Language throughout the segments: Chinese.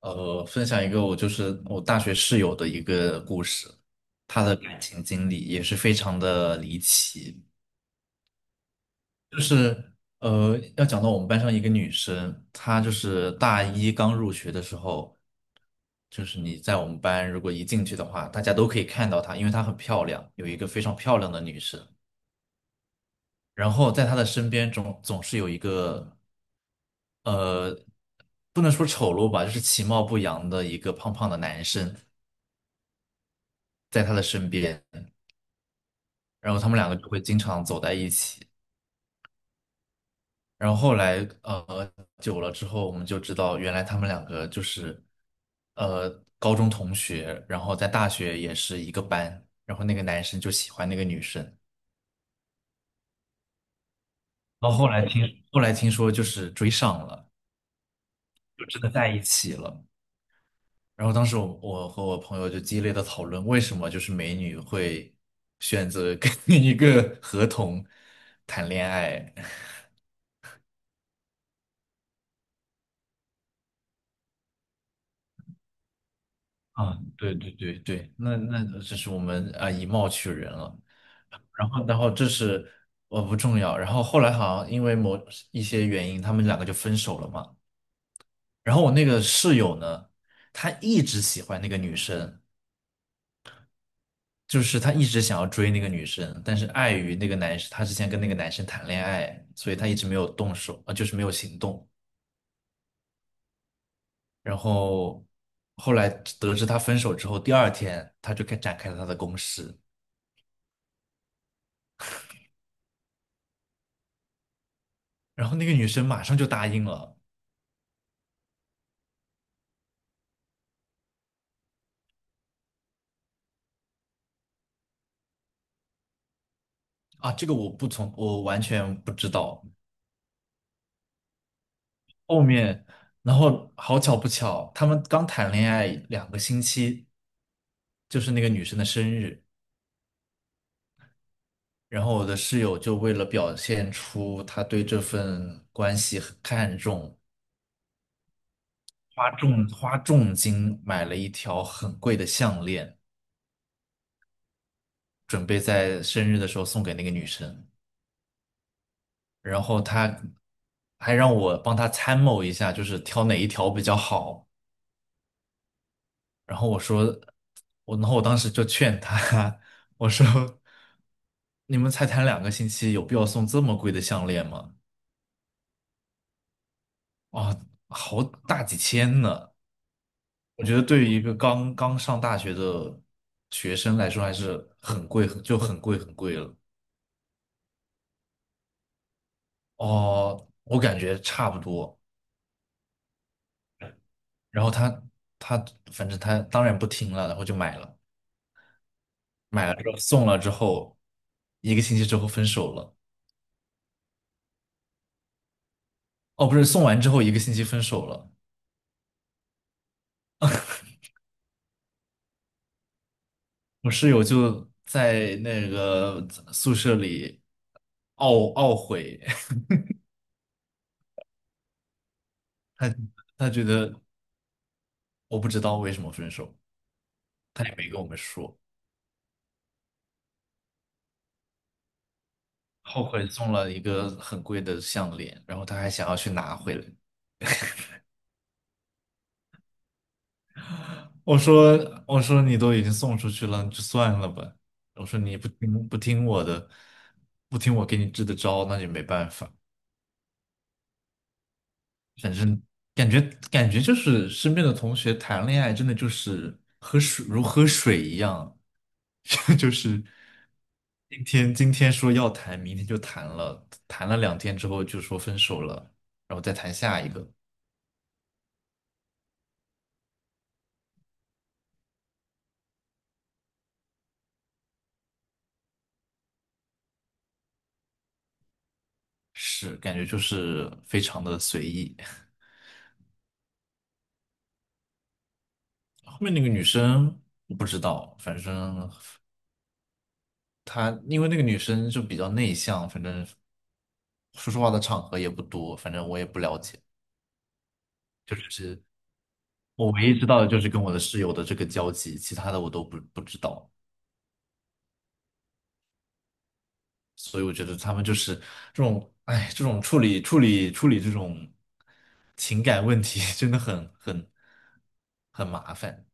分享一个我就是我大学室友的一个故事，她的感情经历也是非常的离奇。就是要讲到我们班上一个女生，她就是大一刚入学的时候，就是你在我们班如果一进去的话，大家都可以看到她，因为她很漂亮，有一个非常漂亮的女生。然后在她的身边总是有一个呃，不能说丑陋吧，就是其貌不扬的一个胖胖的男生在她的身边。然后他们两个就会经常走在一起。然后后来呃久了之后，我们就知道原来他们两个就是呃高中同学，然后在大学也是一个班，然后那个男生就喜欢那个女生，然后后来听说就是追上了，就真的在一起了。然后当时我和我朋友就激烈的讨论，为什么就是美女会选择跟 一个合同谈恋爱？啊，对对对对，那这是我们啊以貌取人了。然后这是不重要。然后后来好像因为某一些原因，他们两个就分手了嘛。然后我那个室友呢，他一直喜欢那个女生，就是他一直想要追那个女生，但是碍于那个男生，他之前跟那个男生谈恋爱，所以他一直没有动手，啊，就是没有行动。然后后来得知他分手之后，第二天他就开展开了他的攻势，然后那个女生马上就答应了。啊，这个我不从，我完全不知道。后面，然后好巧不巧，他们刚谈恋爱两个星期，就是那个女生的生日，然后我的室友就为了表现出他对这份关系很看重，花重金买了一条很贵的项链，准备在生日的时候送给那个女生。然后他还让我帮他参谋一下，就是挑哪一条比较好。然后我说，然后我当时就劝他，我说，你们才谈两个星期，有必要送这么贵的项链吗？啊，好大几千呢！我觉得对于一个刚刚上大学的学生来说，还是很贵，很贵了。哦，我感觉差不多。然后他反正他当然不听了，然后就买了，买了之后送了之后，一个星期之后分手了。哦，不是，送完之后一个星期分手了。我室友就在那个宿舍里懊悔，他他觉得我不知道为什么分手，他也没跟我们说，后悔送了一个很贵的项链，然后他还想要去拿回来。我说你都已经送出去了，你就算了吧。我说你不听我的，不听我给你支的招，那也没办法。嗯，感觉感觉就是身边的同学谈恋爱，真的就是喝水一样，就是今天说要谈，明天就谈了，谈了两天之后就说分手了，然后再谈下一个，是感觉就是非常的随意。后面那个女生我不知道，反正她因为那个女生就比较内向，反正说实话的场合也不多，反正我也不了解。我唯一知道的就是跟我的室友的这个交集，其他的我都不知道，所以我觉得他们就是这种，哎，这种处理这种情感问题，真的很很麻烦。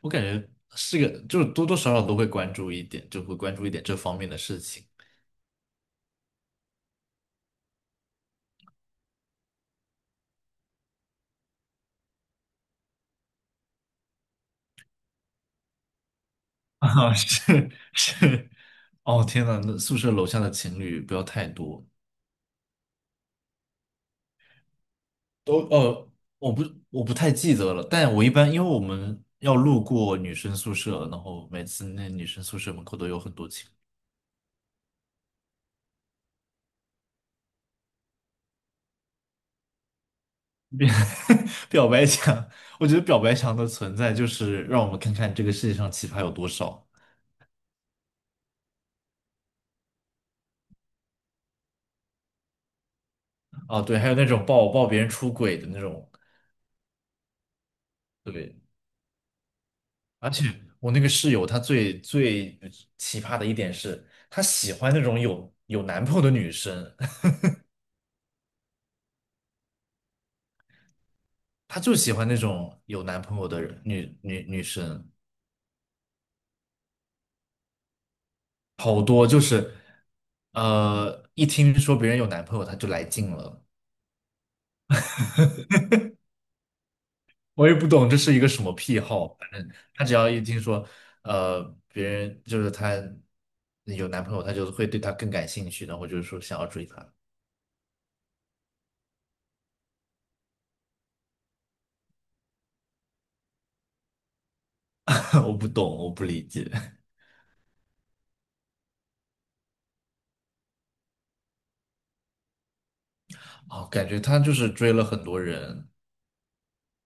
我感觉是个，就是多多少少都会关注一点，就会关注一点这方面的事情。啊，是是，哦天呐，那宿舍楼下的情侣不要太多。都我不我不太记得了，但我一般因为我们要路过女生宿舍，然后每次那女生宿舍门口都有很多情侣表白墙，我觉得表白墙的存在就是让我们看看这个世界上奇葩有多少啊，对，还有那种抱别人出轨的那种，对，而且我那个室友她最奇葩的一点是，她喜欢那种有男朋友的女生，她就喜欢那种有男朋友的人女女女生。好多就是，一听说别人有男朋友，他就来劲了。我也不懂这是一个什么癖好，反正他只要一听说，呃，别人就是他有男朋友，他就会对他更感兴趣，然后就是说想要追他。我不懂，我不理解。哦，感觉他就是追了很多人，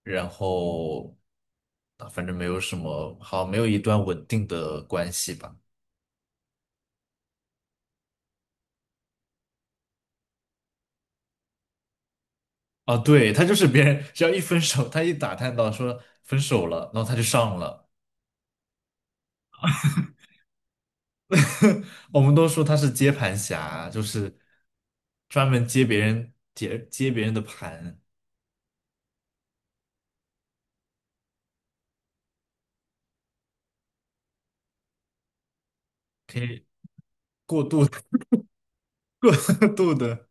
然后啊，反正没有什么好，没有一段稳定的关系吧。啊，对，他就是别人，只要一分手，他一打探到说分手了，然后他就上了。我们都说他是接盘侠，就是专门接别人接别人的盘，可以过度 度的，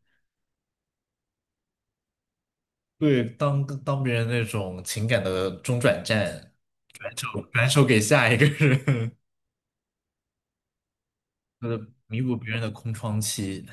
对，当别人那种情感的中转站，转手给下一个人，呃，弥补别人的空窗期。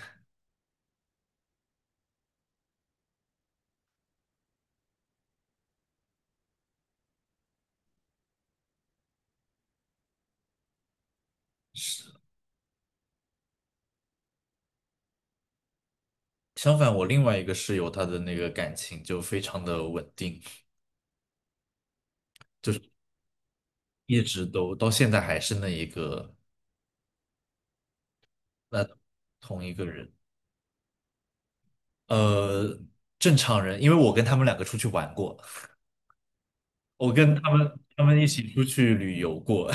相反，我另外一个室友，他的那个感情就非常的稳定，一直都到现在还是那一个。那同一个人，呃，正常人，因为我跟他们两个出去玩过，我跟他们一起出去旅游过，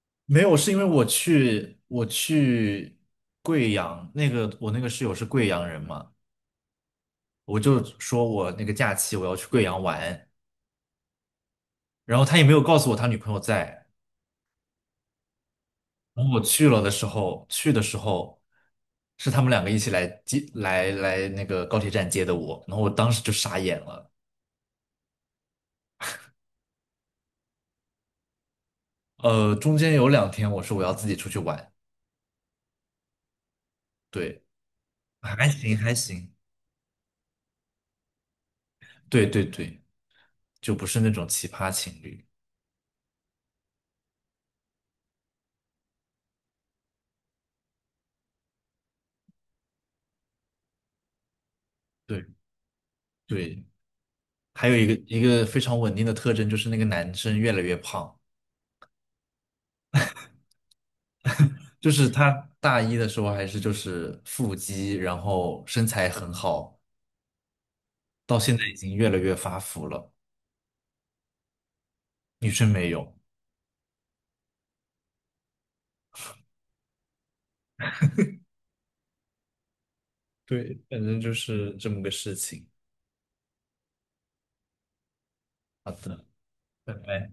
没有，是因为我去贵阳，那个我那个室友是贵阳人嘛，我就说我那个假期我要去贵阳玩，然后他也没有告诉我他女朋友在，然后我去了的时候，去的时候是他们两个一起来接那个高铁站接的我，然后我当时就傻眼了。呃，中间有两天我说我要自己出去玩，对还行，对对对，就不是那种奇葩情侣，对对，还有一个非常稳定的特征就是那个男生越来越胖，就是他大一的时候就是腹肌，然后身材很好，到现在已经越来越发福了，女生没有，对，反正就是这么个事情。好的，拜拜。